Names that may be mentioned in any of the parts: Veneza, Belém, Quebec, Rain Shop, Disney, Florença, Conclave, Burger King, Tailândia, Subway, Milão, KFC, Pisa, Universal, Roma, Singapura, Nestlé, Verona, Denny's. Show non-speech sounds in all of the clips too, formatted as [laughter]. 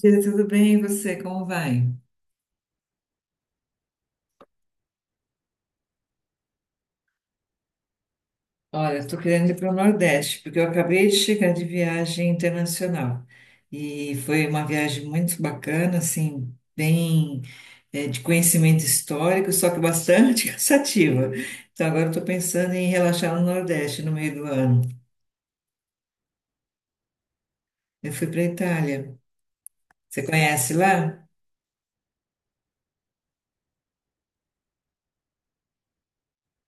Tia, tudo bem? E você, como vai? Olha, estou querendo ir para o Nordeste, porque eu acabei de chegar de viagem internacional. E foi uma viagem muito bacana, assim, bem, de conhecimento histórico, só que bastante [laughs] cansativa. Então, agora estou pensando em relaxar no Nordeste no meio do ano. Eu fui para a Itália. Você conhece lá?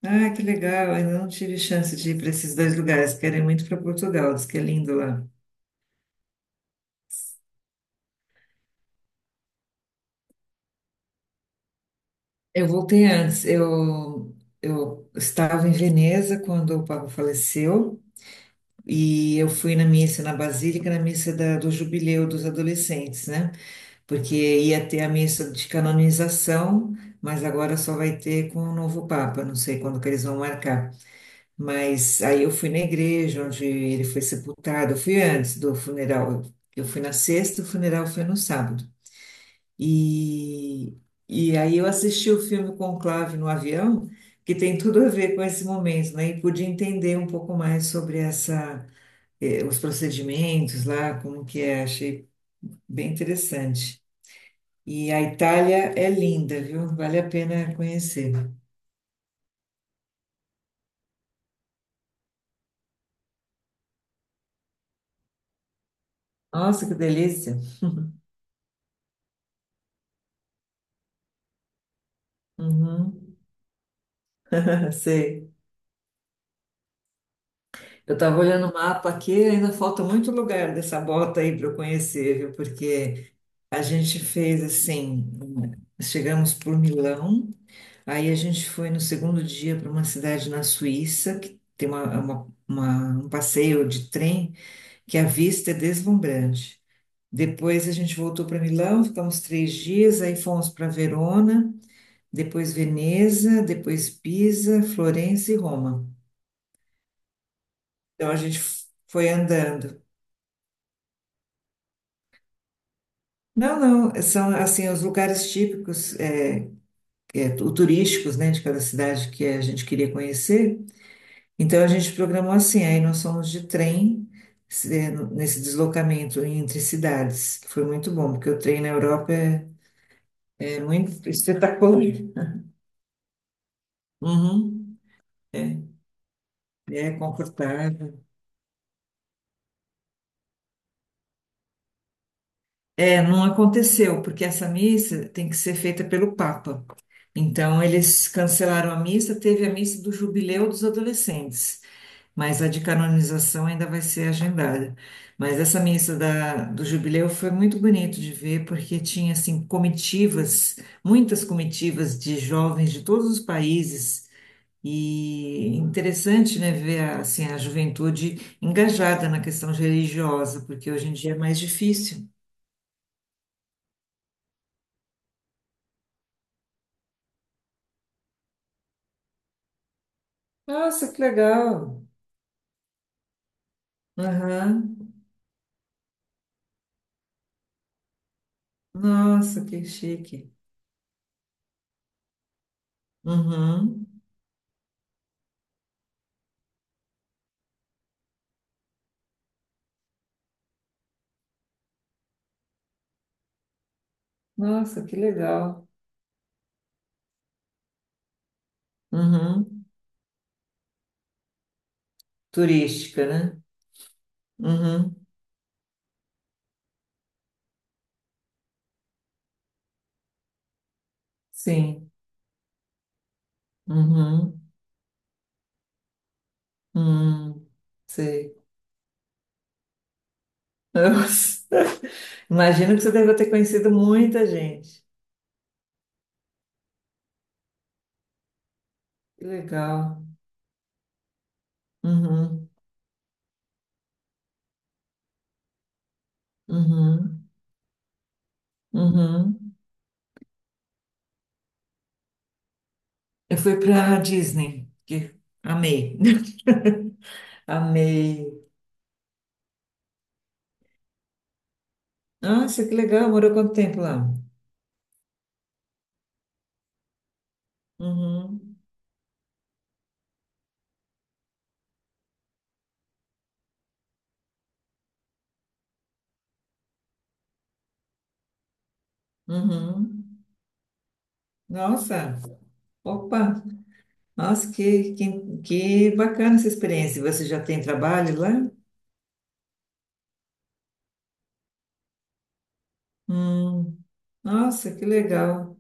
Ah, que legal! Ainda não tive chance de ir para esses dois lugares. Quero ir muito para Portugal, diz que é lindo lá. Eu voltei antes. Eu estava em Veneza quando o Papa faleceu e eu fui na missa na Basílica, na missa do Jubileu dos adolescentes, né? Porque ia ter a missa de canonização, mas agora só vai ter com o novo Papa. Não sei quando que eles vão marcar. Mas aí eu fui na igreja onde ele foi sepultado. Eu fui antes do funeral. Eu fui na sexta, o funeral foi no sábado. E, e aí eu assisti o filme Conclave no avião, que tem tudo a ver com esse momento, né? E pude entender um pouco mais sobre essa, os procedimentos lá, como que é, achei bem interessante. E a Itália é linda, viu? Vale a pena conhecer. Nossa, que delícia! Uhum. [laughs] Sei. Eu estava olhando o mapa aqui, ainda falta muito lugar dessa bota aí para eu conhecer, viu? Porque a gente fez assim, chegamos por Milão, aí a gente foi no segundo dia para uma cidade na Suíça, que tem um passeio de trem que a vista é deslumbrante. Depois a gente voltou para Milão, ficamos 3 dias, aí fomos para Verona, depois Veneza, depois Pisa, Florença e Roma. Então a gente foi andando. Não, não, são assim os lugares típicos turísticos, né, de cada cidade que a gente queria conhecer. Então a gente programou assim, aí nós fomos de trem nesse deslocamento entre cidades, que foi muito bom, porque o trem na Europa é muito espetacular. Uhum, é, é confortável. É, não aconteceu, porque essa missa tem que ser feita pelo Papa. Então eles cancelaram a missa, teve a missa do jubileu dos adolescentes. Mas a de canonização ainda vai ser agendada. Mas essa missa da, do jubileu foi muito bonito de ver, porque tinha assim comitivas, muitas comitivas de jovens de todos os países. E interessante, né, ver a, assim, a juventude engajada na questão religiosa, porque hoje em dia é mais difícil. Nossa, que legal! Aham. Nossa, que chique! Uhum. Nossa, que legal! Uhum. Turística, né? Uhum. Sim. Uhum. Hum. Sei. Nossa. [laughs] Imagino que você deve ter conhecido muita gente. Que legal. Uhum. Uhum. Uhum. Eu fui para Disney, que amei. [laughs] Amei. Nossa, que legal. Morou quanto tempo lá? Uhum. Uhum. Nossa. Opa. Nossa, que bacana essa experiência. Você já tem trabalho lá? Hum. Nossa, que legal.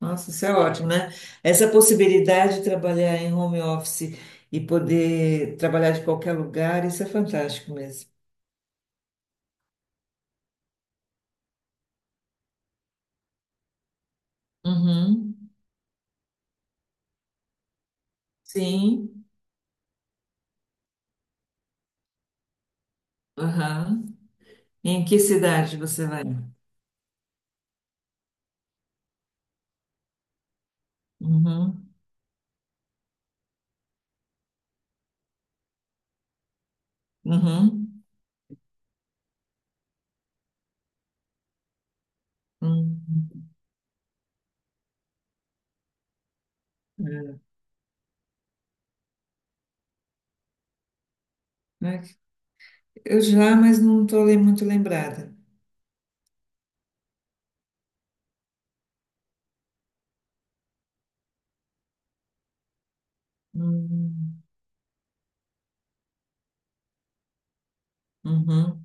Nossa, isso é ótimo, né? Essa possibilidade de trabalhar em home office e poder trabalhar de qualquer lugar, isso é fantástico mesmo. Uhum. Sim. Aham. Em que cidade você vai? Uhum. Uhum. Uhum. É. Eu já, mas não estou muito lembrada. Uhum. Uhum.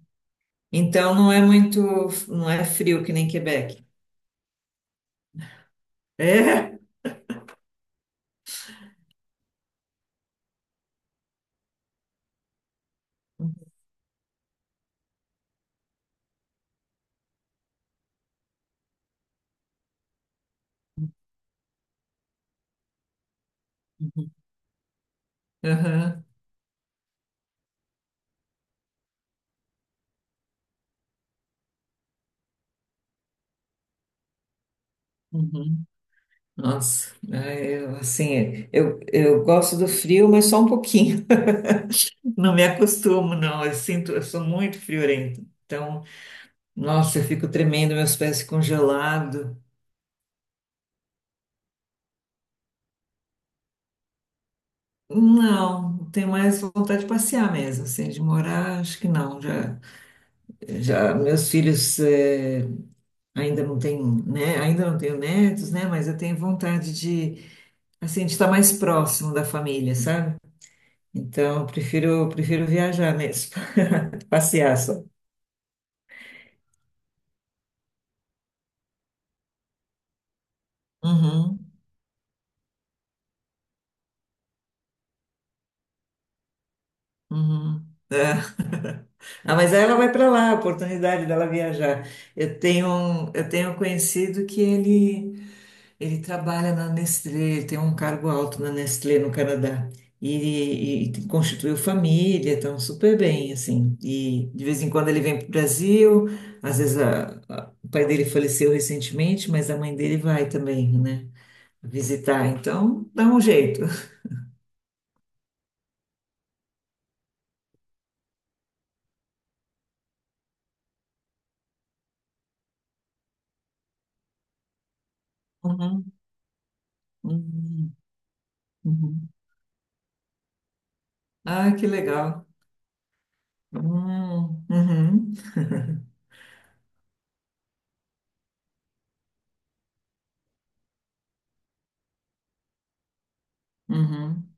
Então não é muito, não é frio que nem Quebec. É? Uhum. Aham. Uhum. Nossa, é, eu, assim, eu gosto do frio, mas só um pouquinho. [laughs] Não me acostumo, não. Eu sinto, eu sou muito friorenta. Então, nossa, eu fico tremendo, meus pés ficam gelados. Não, tenho mais vontade de passear mesmo, assim, de morar, acho que não. Já, já meus filhos ainda não têm, né? Ainda não tenho netos, né? Mas eu tenho vontade de, assim, de estar mais próximo da família, sabe? Então, eu prefiro, prefiro viajar mesmo, [laughs] passear só. Uhum, uhum. É. [laughs] Ah, mas ela vai para lá, a oportunidade dela viajar. Eu tenho um conhecido que ele trabalha na Nestlé, ele tem um cargo alto na Nestlé no Canadá. E constituiu família, estão super bem, assim. E de vez em quando ele vem para o Brasil, às vezes o pai dele faleceu recentemente, mas a mãe dele vai também, né, visitar. Então, dá um jeito. Uhum, uhum, uhum. Ah, que legal. Uhum, [laughs] uhum,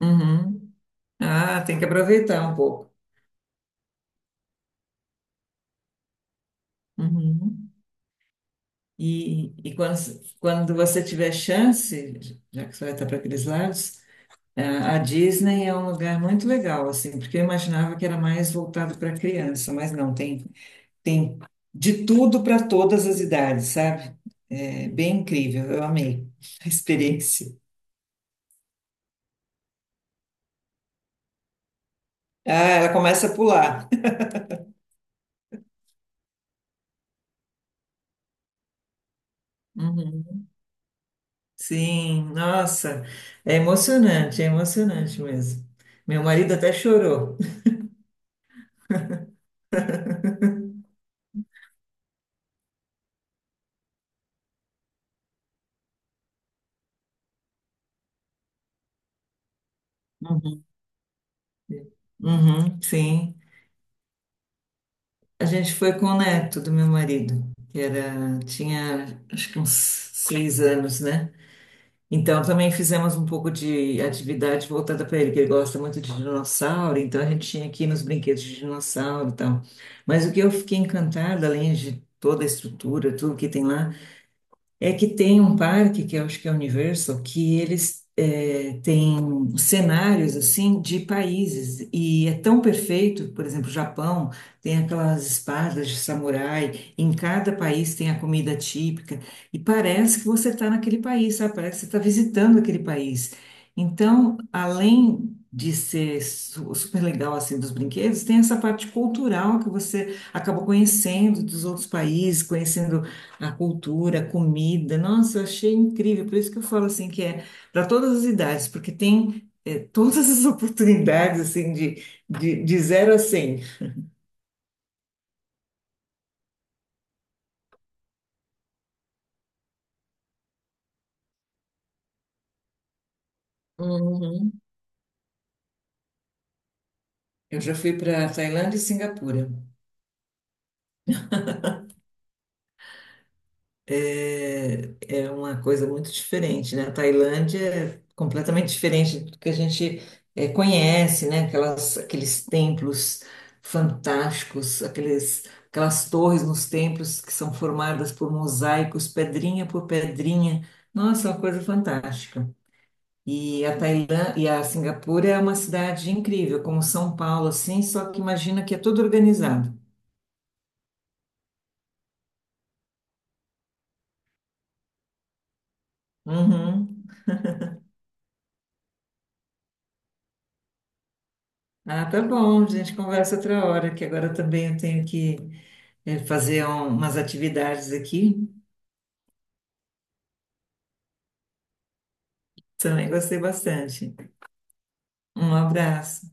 uhum. Ah, tem que aproveitar um pouco. Uhum. E quando, quando você tiver chance, já que você vai estar para aqueles lados, ah, a Disney é um lugar muito legal, assim, porque eu imaginava que era mais voltado para criança, mas não, tem, de tudo para todas as idades, sabe? É bem incrível, eu amei a [laughs] experiência. Ah, ela começa a pular. [laughs] Sim, nossa, é emocionante mesmo. Meu marido até chorou. Uhum. Uhum, sim. A gente foi com o neto do meu marido, que era, tinha acho que uns 6 anos, né? Então também fizemos um pouco de atividade voltada para ele, que ele gosta muito de dinossauro, então a gente tinha aqui nos brinquedos de dinossauro e tal. Mas o que eu fiquei encantada, além de toda a estrutura, tudo que tem lá, é que tem um parque, que eu acho que é o Universal, que eles têm cenários assim de países e é tão perfeito, por exemplo, o Japão tem aquelas espadas de samurai, em cada país tem a comida típica e parece que você está naquele país, sabe? Parece que você está visitando aquele país. Então, além de ser super legal assim dos brinquedos, tem essa parte cultural que você acaba conhecendo dos outros países, conhecendo a cultura, a comida, nossa, eu achei incrível. Por isso que eu falo assim que é para todas as idades, porque tem todas as [laughs] oportunidades assim de 0 a 100. Uhum. Eu já fui para Tailândia e Singapura. é, é uma coisa muito diferente, né? A Tailândia é completamente diferente do que a gente conhece, né? Aquelas, aqueles templos fantásticos, aqueles, aquelas torres nos templos que são formadas por mosaicos, pedrinha por pedrinha. Nossa, é uma coisa fantástica. E a Tailândia e a Singapura é uma cidade incrível, como São Paulo, assim, só que imagina que é tudo organizado. Uhum. Ah, tá bom, a gente conversa outra hora, que agora também eu tenho que fazer umas atividades aqui. Também gostei bastante. Um abraço.